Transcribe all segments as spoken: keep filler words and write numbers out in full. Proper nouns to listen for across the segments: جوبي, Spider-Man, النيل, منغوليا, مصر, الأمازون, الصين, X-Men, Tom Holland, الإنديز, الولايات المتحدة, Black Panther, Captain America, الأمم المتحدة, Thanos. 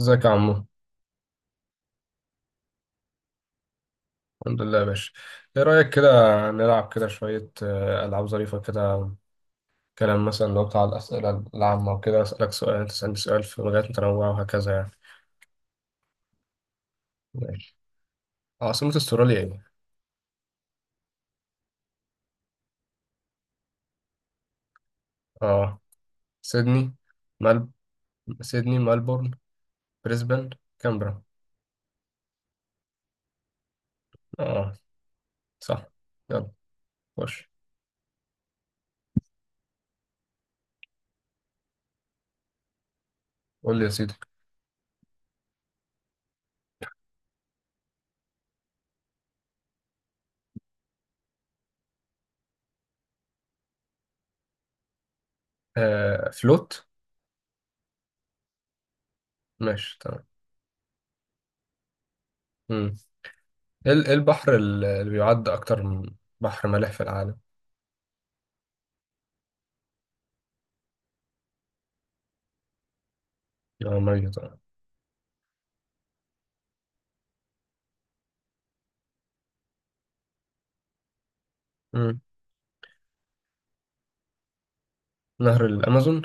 ازيك يا عمو. الحمد لله يا باشا. ايه رأيك كده، نلعب كده شوية، آه، ألعاب ظريفة كده، كلام مثلا. لو بتاع الأسئلة العامة وكده، أسألك سؤال، أنت تسألني سؤال في مجالات متنوعة وهكذا يعني. ماشي. عاصمة استراليا ايه؟ اه. سيدني، مال. سيدني، ملبورن، بريسبان، كامبرا. اه، صح. يلا، خش. قول لي يا سيدي. آه فلوت. ماشي، تمام. مم. ايه ال- إيه البحر ال- اللي بيعد أكتر من بحر مالح في العالم؟ اه، ميه طبعا. نهر الأمازون.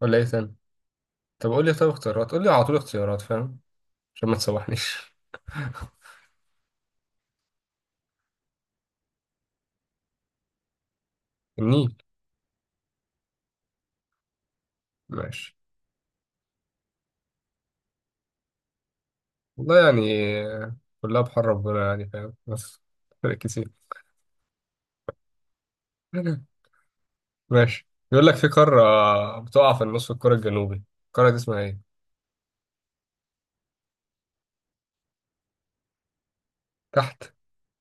ولا إيه تاني؟ طب قول لي، طب اختيارات، قول لي على طول اختيارات، فاهم؟ عشان ما تسوحنيش. النيل. ماشي. والله يعني. آه، كلها بحر ربنا يعني، فاهم، بس فرق كتير. ماشي. بيقول لك في قارة بتقع في النص الكرة الجنوبي، القارة دي اسمها إيه؟ تحت،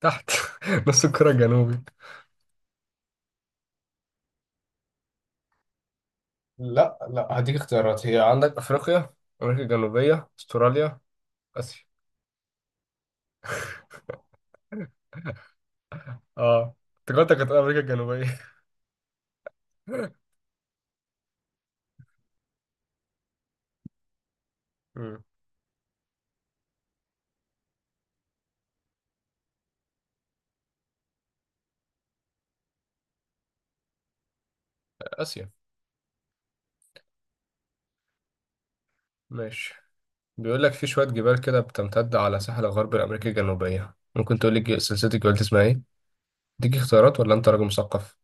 تحت. نص الكرة الجنوبي. لا لا، هديك اختيارات، هي عندك أفريقيا، أمريكا الجنوبية، أستراليا، آسيا. اه، افتكرتك هتقول أمريكا الجنوبية. مم. آسيا. ماشي. بيقول لك في شوية جبال كده بتمتد على ساحل غرب الأمريكا الجنوبية، ممكن تقول لي الج- سلسلة الجبال دي اسمها إيه؟ اديك اختيارات ولا أنت راجل مثقف؟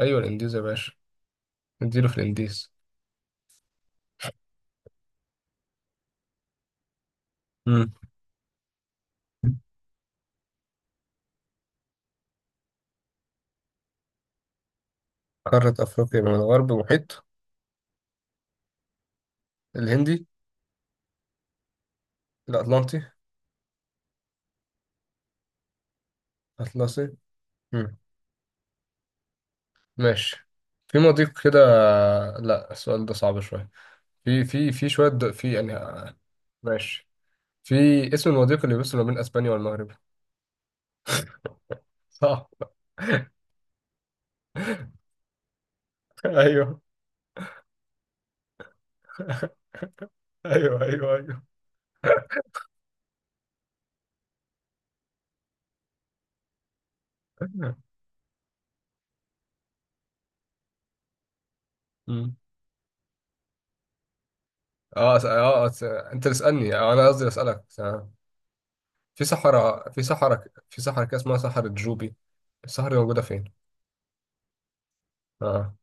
أيوة، الإنديز يا باشا، اديله في الإنديز. مم. قارة أفريقيا من الغرب محيط. الهندي. الأطلنطي. الأطلسي. مم. ماشي. في مضيق كده، لا السؤال ده صعب شوية. في في في شوية د- في، يعني. ماشي. في اسم المضيق اللي بيفصل ما بين أسبانيا والمغرب، صح. أيوه. أيوه أيوه أيوه. مم. اه س- اه س- انت اللي اسالني، آه، انا قصدي اسالك س- في صحراء، في صحراء في صحراء كده اسمها صحراء جوبي، الصحراء دي موجوده فين؟ اه,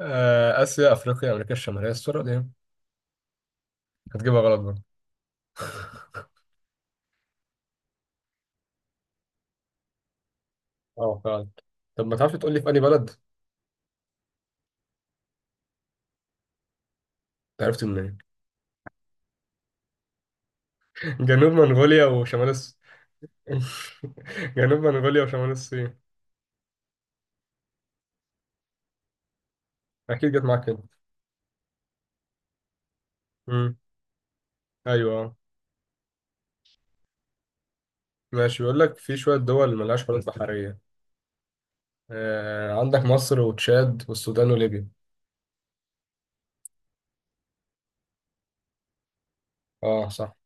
آه اسيا، افريقيا، امريكا الشماليه، الصوره دي هتجيبها غلط بقى. اه فعلا. طب ما تعرفش تقول لي في انهي بلد؟ أنت عرفت منين؟ جنوب منغوليا وشمال الص... جنوب منغوليا وشمال الصين. اكيد جت معاك كده. امم. ايوه. ماشي. بيقول لك في شويه دول ملهاش حدود بحريه، آه عندك مصر وتشاد والسودان وليبيا. اه صح.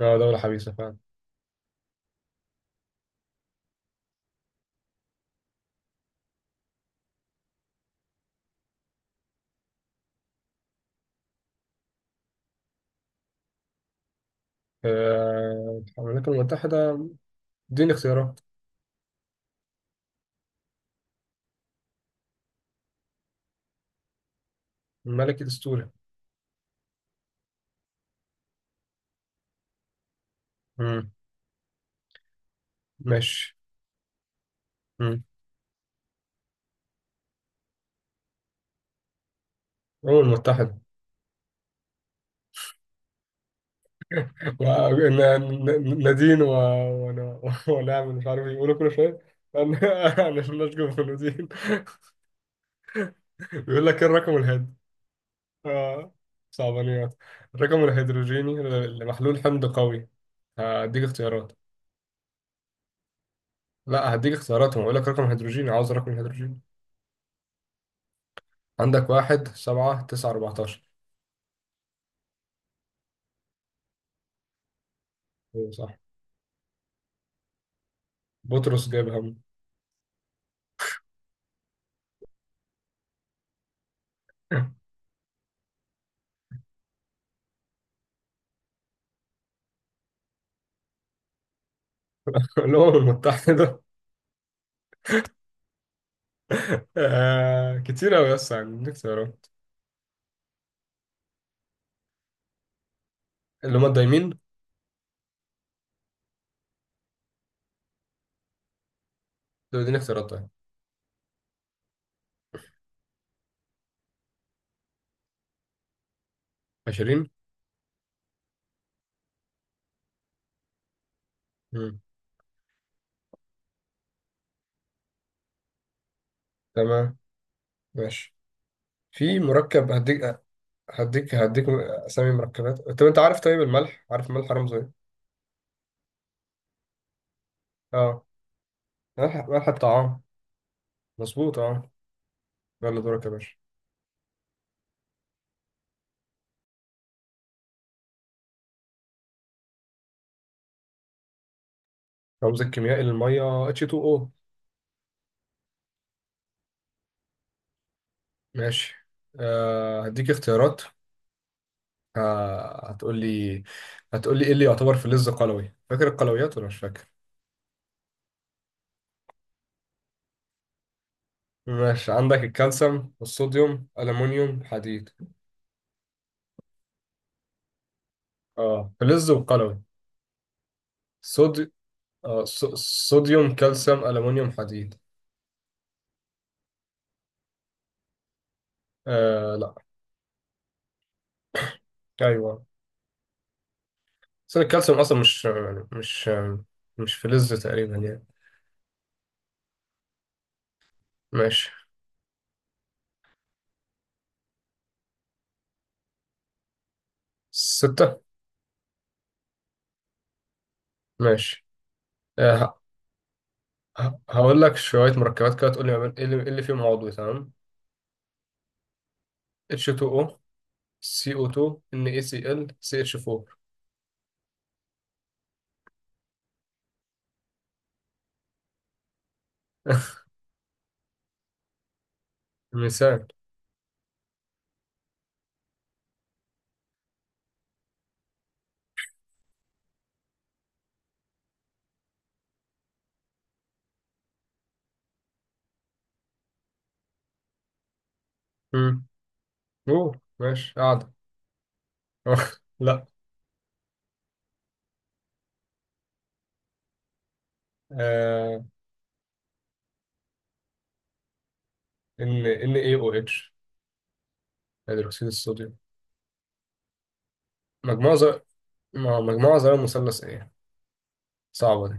اه، دولة حبيسة فعلا. آه، الولايات المتحدة، اديني اختيارات. الملك الدستوري. مم. ماشي. مم. الأمم المتحدة. و- ن- ن- نادين و... وانا ونعمل مش عارف، يقولوا كل شوية. انا انا نشجع في النادين. بيقول لك ايه الرقم الهيد اه، صعبانيات. الرقم الهيدروجيني لمحلول حمض قوي، هديك اختيارات؟ لا، هديك اختيارات، ما بقول لك رقم هيدروجيني، عاوز رقم هيدروجيني. عندك واحد، سبعة، تسعة، أربعتاشر. بطرس جايب هم. الأمم المتحدة. آه كتير أوي، يس، عندي اختيارات. اللي هما الدايمين. دول اديني اختيارات طيب. عشرين. مم. تمام. ماشي. في مركب هديك هديك هديك أسامي مركبات. طب أنت عارف، طيب الملح عارف، الملح رمزه إيه؟ أه. ملح ملح الطعام. مظبوط، أه. يلا دورك يا باشا. رمز الكيميائي للمية اتش تو او. ماشي. آه هديك اختيارات. آه هتقول لي، هتقول لي إيه اللي يعتبر فلز قلوي، فاكر القلويات ولا مش فاكر؟ ماشي، عندك الكالسيوم والصوديوم، ألمونيوم، حديد. اه، فلز وقلوي. صودي آه ص- صوديوم، كالسيوم، ألمونيوم، حديد. آه لا. أيوه. بس الكالسيوم أصلا مش يعني مش مش فلز تقريبا يعني. ماشي. ستة. ماشي. آه ه- ه- هقول لك شوية مركبات كده تقول لي ما بين- إيه اللي إيه اللي فيهم عضوي، تمام. اتش تو او, سي او تو, NaCl, سي اتش فور. مثال. مم. أوه ماشي، قاعدة. لا. آه، ال NaOH، هيدروكسيد الصوديوم. مجموعة زر... مجموعة ذرة مثلث ايه، صعبة دي،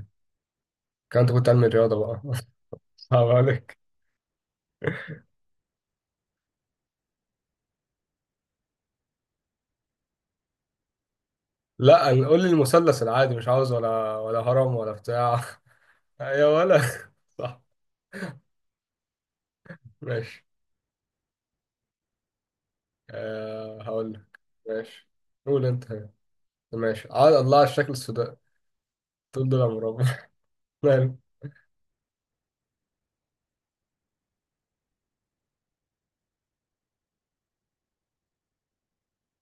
كان انت كنت علم رياضة بقى. صعب عليك. لا أنا- قول لي المثلث العادي، مش عاوز ولا ولا هرم ولا بتاع. يا ولا. صح. ماشي. أه، هقول لك. ماشي. قول انت. ماشي، عاد الله على الشكل السوداء. طول ده مربع. ماله.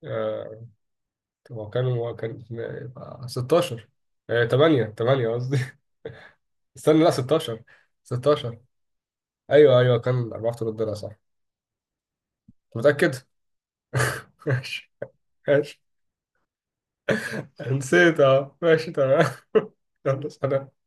آه، طب هو كان هو كان يبقى ستة عشر. آه، تمانية تمانية قصدي. استنى لا، ستاشر. ستة عشر. ايوه ايوه، كان اربعة الاف دولار، صح أنت متأكد؟ ماشي. ماشي، نسيت. اه، ماشي، تمام. يلا سلام.